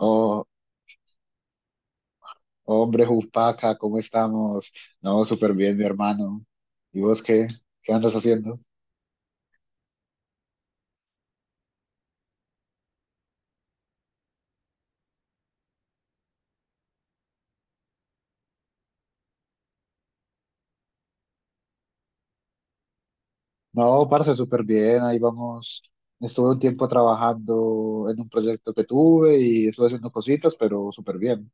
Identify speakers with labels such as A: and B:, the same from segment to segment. A: Oh, hombre, Jupaca, ¿cómo estamos? No, súper bien, mi hermano. ¿Y vos qué? ¿Qué andas haciendo? No, parce, súper bien, ahí vamos. Estuve un tiempo trabajando en un proyecto que tuve y estuve haciendo cositas, pero súper bien.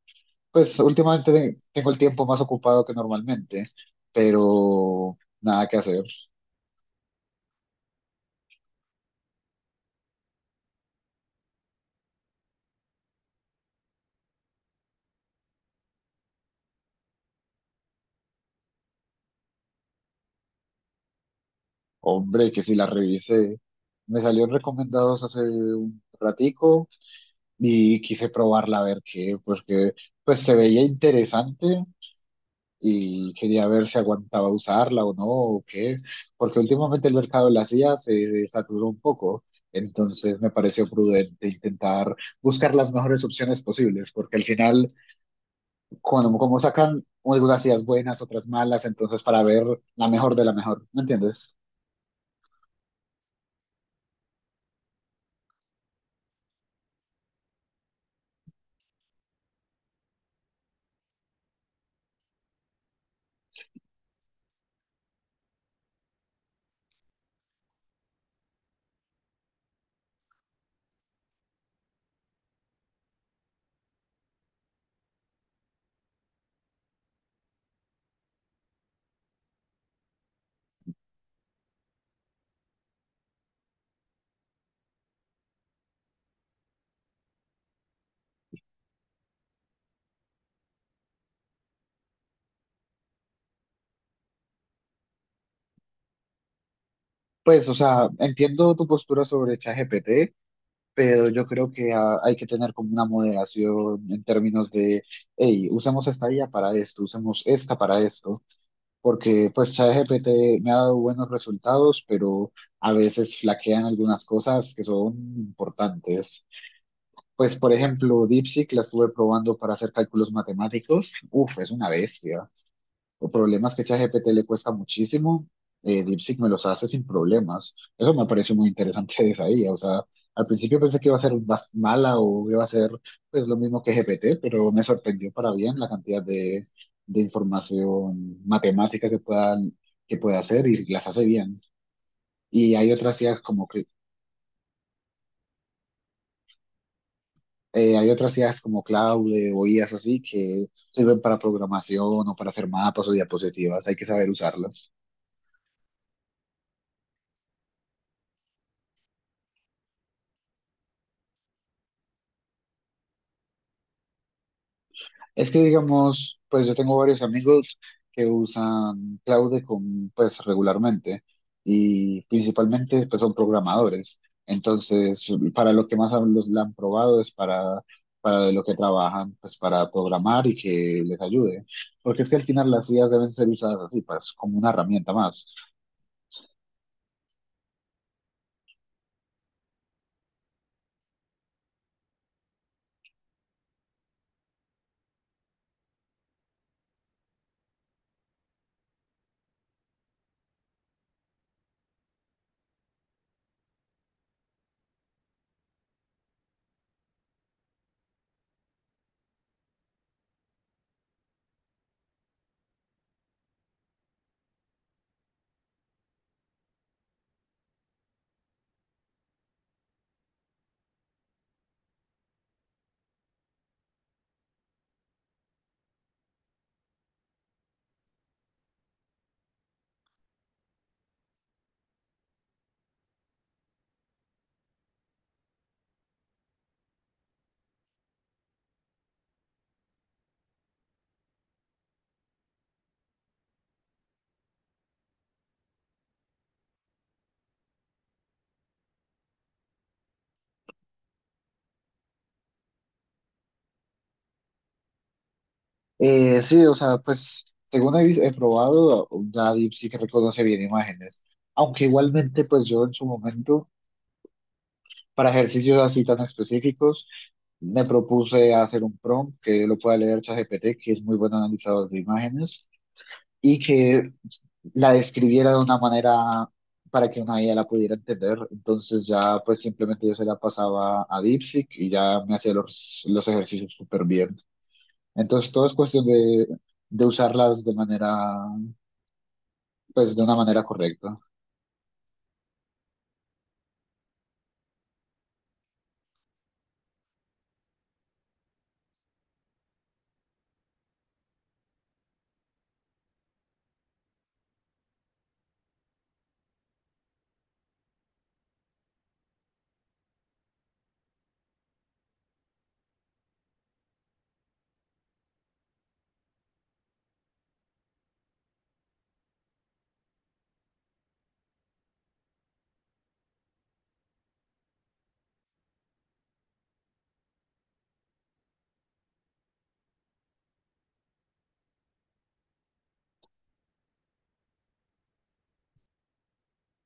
A: Pues últimamente tengo el tiempo más ocupado que normalmente, pero nada que hacer. Hombre, que si la revisé. Me salieron recomendados hace un ratico y quise probarla a ver qué, pues que pues se veía interesante y quería ver si aguantaba usarla o no, o qué, porque últimamente el mercado de las IA se saturó un poco, entonces me pareció prudente intentar buscar las mejores opciones posibles, porque al final, cuando, como sacan algunas IAs buenas, otras malas, entonces para ver la mejor de la mejor, ¿me entiendes? Pues, o sea, entiendo tu postura sobre ChatGPT, pero yo creo que hay que tener como una moderación en términos de, hey, usamos esta IA para esto, usamos esta para esto, porque pues ChatGPT me ha dado buenos resultados, pero a veces flaquean algunas cosas que son importantes. Pues por ejemplo, DeepSeek la estuve probando para hacer cálculos matemáticos, uf, es una bestia, o problemas que ChatGPT le cuesta muchísimo, DeepSeek me los hace sin problemas. Eso me pareció muy interesante de esa IA. O sea, al principio pensé que iba a ser más mala o iba a ser pues lo mismo que GPT, pero me sorprendió para bien la cantidad de información matemática que puedan que puede hacer, y las hace bien. Y hay otras IAs como hay otras IAs como Claude o IAs así que sirven para programación o para hacer mapas o diapositivas. Hay que saber usarlas. Es que digamos, pues yo tengo varios amigos que usan Cloud con, pues regularmente, y principalmente pues son programadores. Entonces, para lo que más la han probado es para de lo que trabajan, pues para programar y que les ayude. Porque es que al final las IAs deben ser usadas así, pues, como una herramienta más. Sí, o sea, pues según he probado, ya Deep sí que reconoce bien imágenes. Aunque igualmente, pues yo en su momento... Para ejercicios así tan específicos, me propuse hacer un prompt que lo pueda leer ChatGPT, que es muy buen analizador de imágenes, y que la describiera de una manera para que una IA la pudiera entender. Entonces ya pues simplemente yo se la pasaba a DeepSeek y ya me hacía los ejercicios súper bien. Entonces todo es cuestión de usarlas de manera, pues de una manera correcta.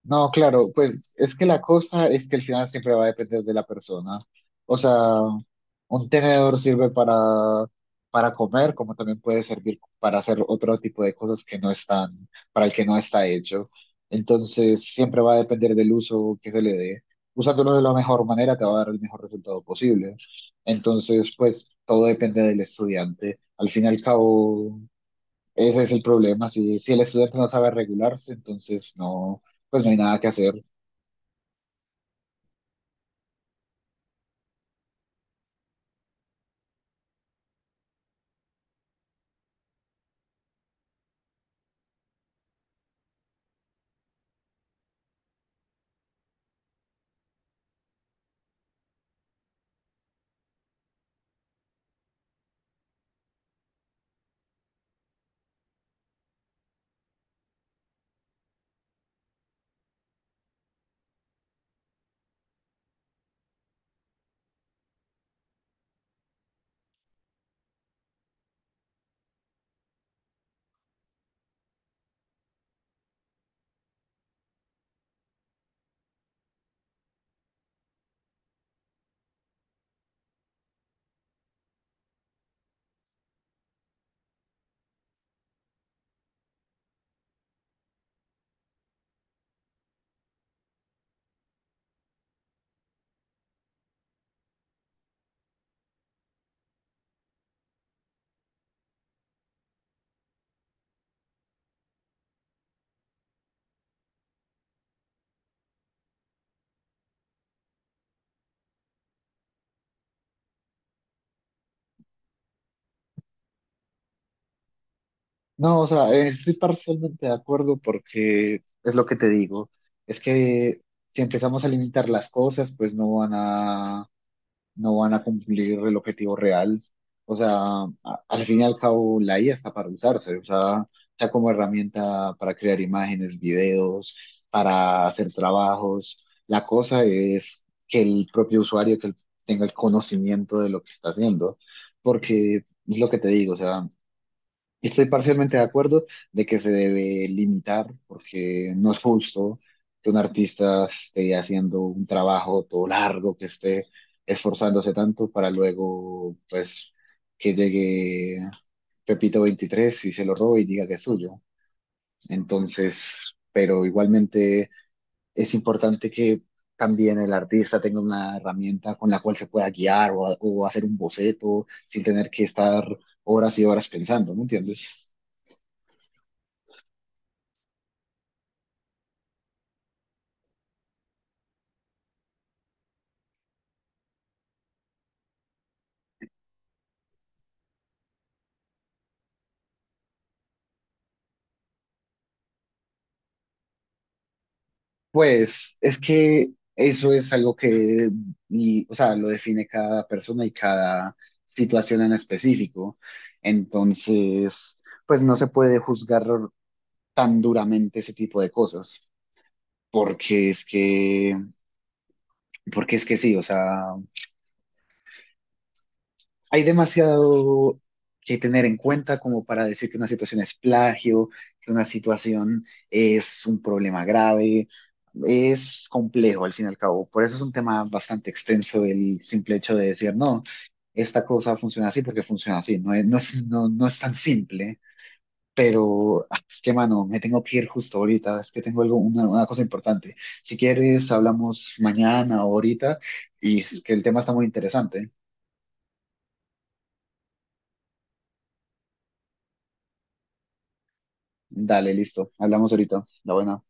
A: No, claro, pues es que la cosa es que el final siempre va a depender de la persona. O sea, un tenedor sirve para comer, como también puede servir para hacer otro tipo de cosas que no están, para el que no está hecho. Entonces, siempre va a depender del uso que se le dé. Usándolo de la mejor manera te va a dar el mejor resultado posible. Entonces, pues todo depende del estudiante. Al fin y al cabo, ese es el problema, si el estudiante no sabe regularse, entonces no, pues no hay nada que hacer. No, o sea, estoy parcialmente de acuerdo porque es lo que te digo, es que si empezamos a limitar las cosas, pues no van a cumplir el objetivo real. O sea, a- al fin y al cabo, la IA está para usarse, o sea, está como herramienta para crear imágenes, videos, para hacer trabajos. La cosa es que el propio usuario que tenga el conocimiento de lo que está haciendo, porque es lo que te digo, o sea, estoy parcialmente de acuerdo de que se debe limitar porque no es justo que un artista esté haciendo un trabajo todo largo, que esté esforzándose tanto para luego, pues, que llegue Pepito 23 y se lo robe y diga que es suyo. Entonces, pero igualmente es importante que también el artista tenga una herramienta con la cual se pueda guiar, o hacer un boceto sin tener que estar horas y horas pensando, ¿me entiendes? Pues es que eso es algo que, y, o sea, lo define cada persona y cada situación en específico. Entonces, pues no se puede juzgar tan duramente ese tipo de cosas, porque es que, porque es que sí, o sea, hay demasiado que tener en cuenta como para decir que una situación es plagio, que una situación es un problema grave. Es complejo al fin y al cabo. Por eso es un tema bastante extenso el simple hecho de decir, no, esta cosa funciona así porque funciona así. No es tan simple, pero es que, mano, me tengo que ir justo ahorita. Es que tengo algo, una cosa importante. Si quieres, hablamos mañana o ahorita, y es que el tema está muy interesante. Dale, listo. Hablamos ahorita. La buena.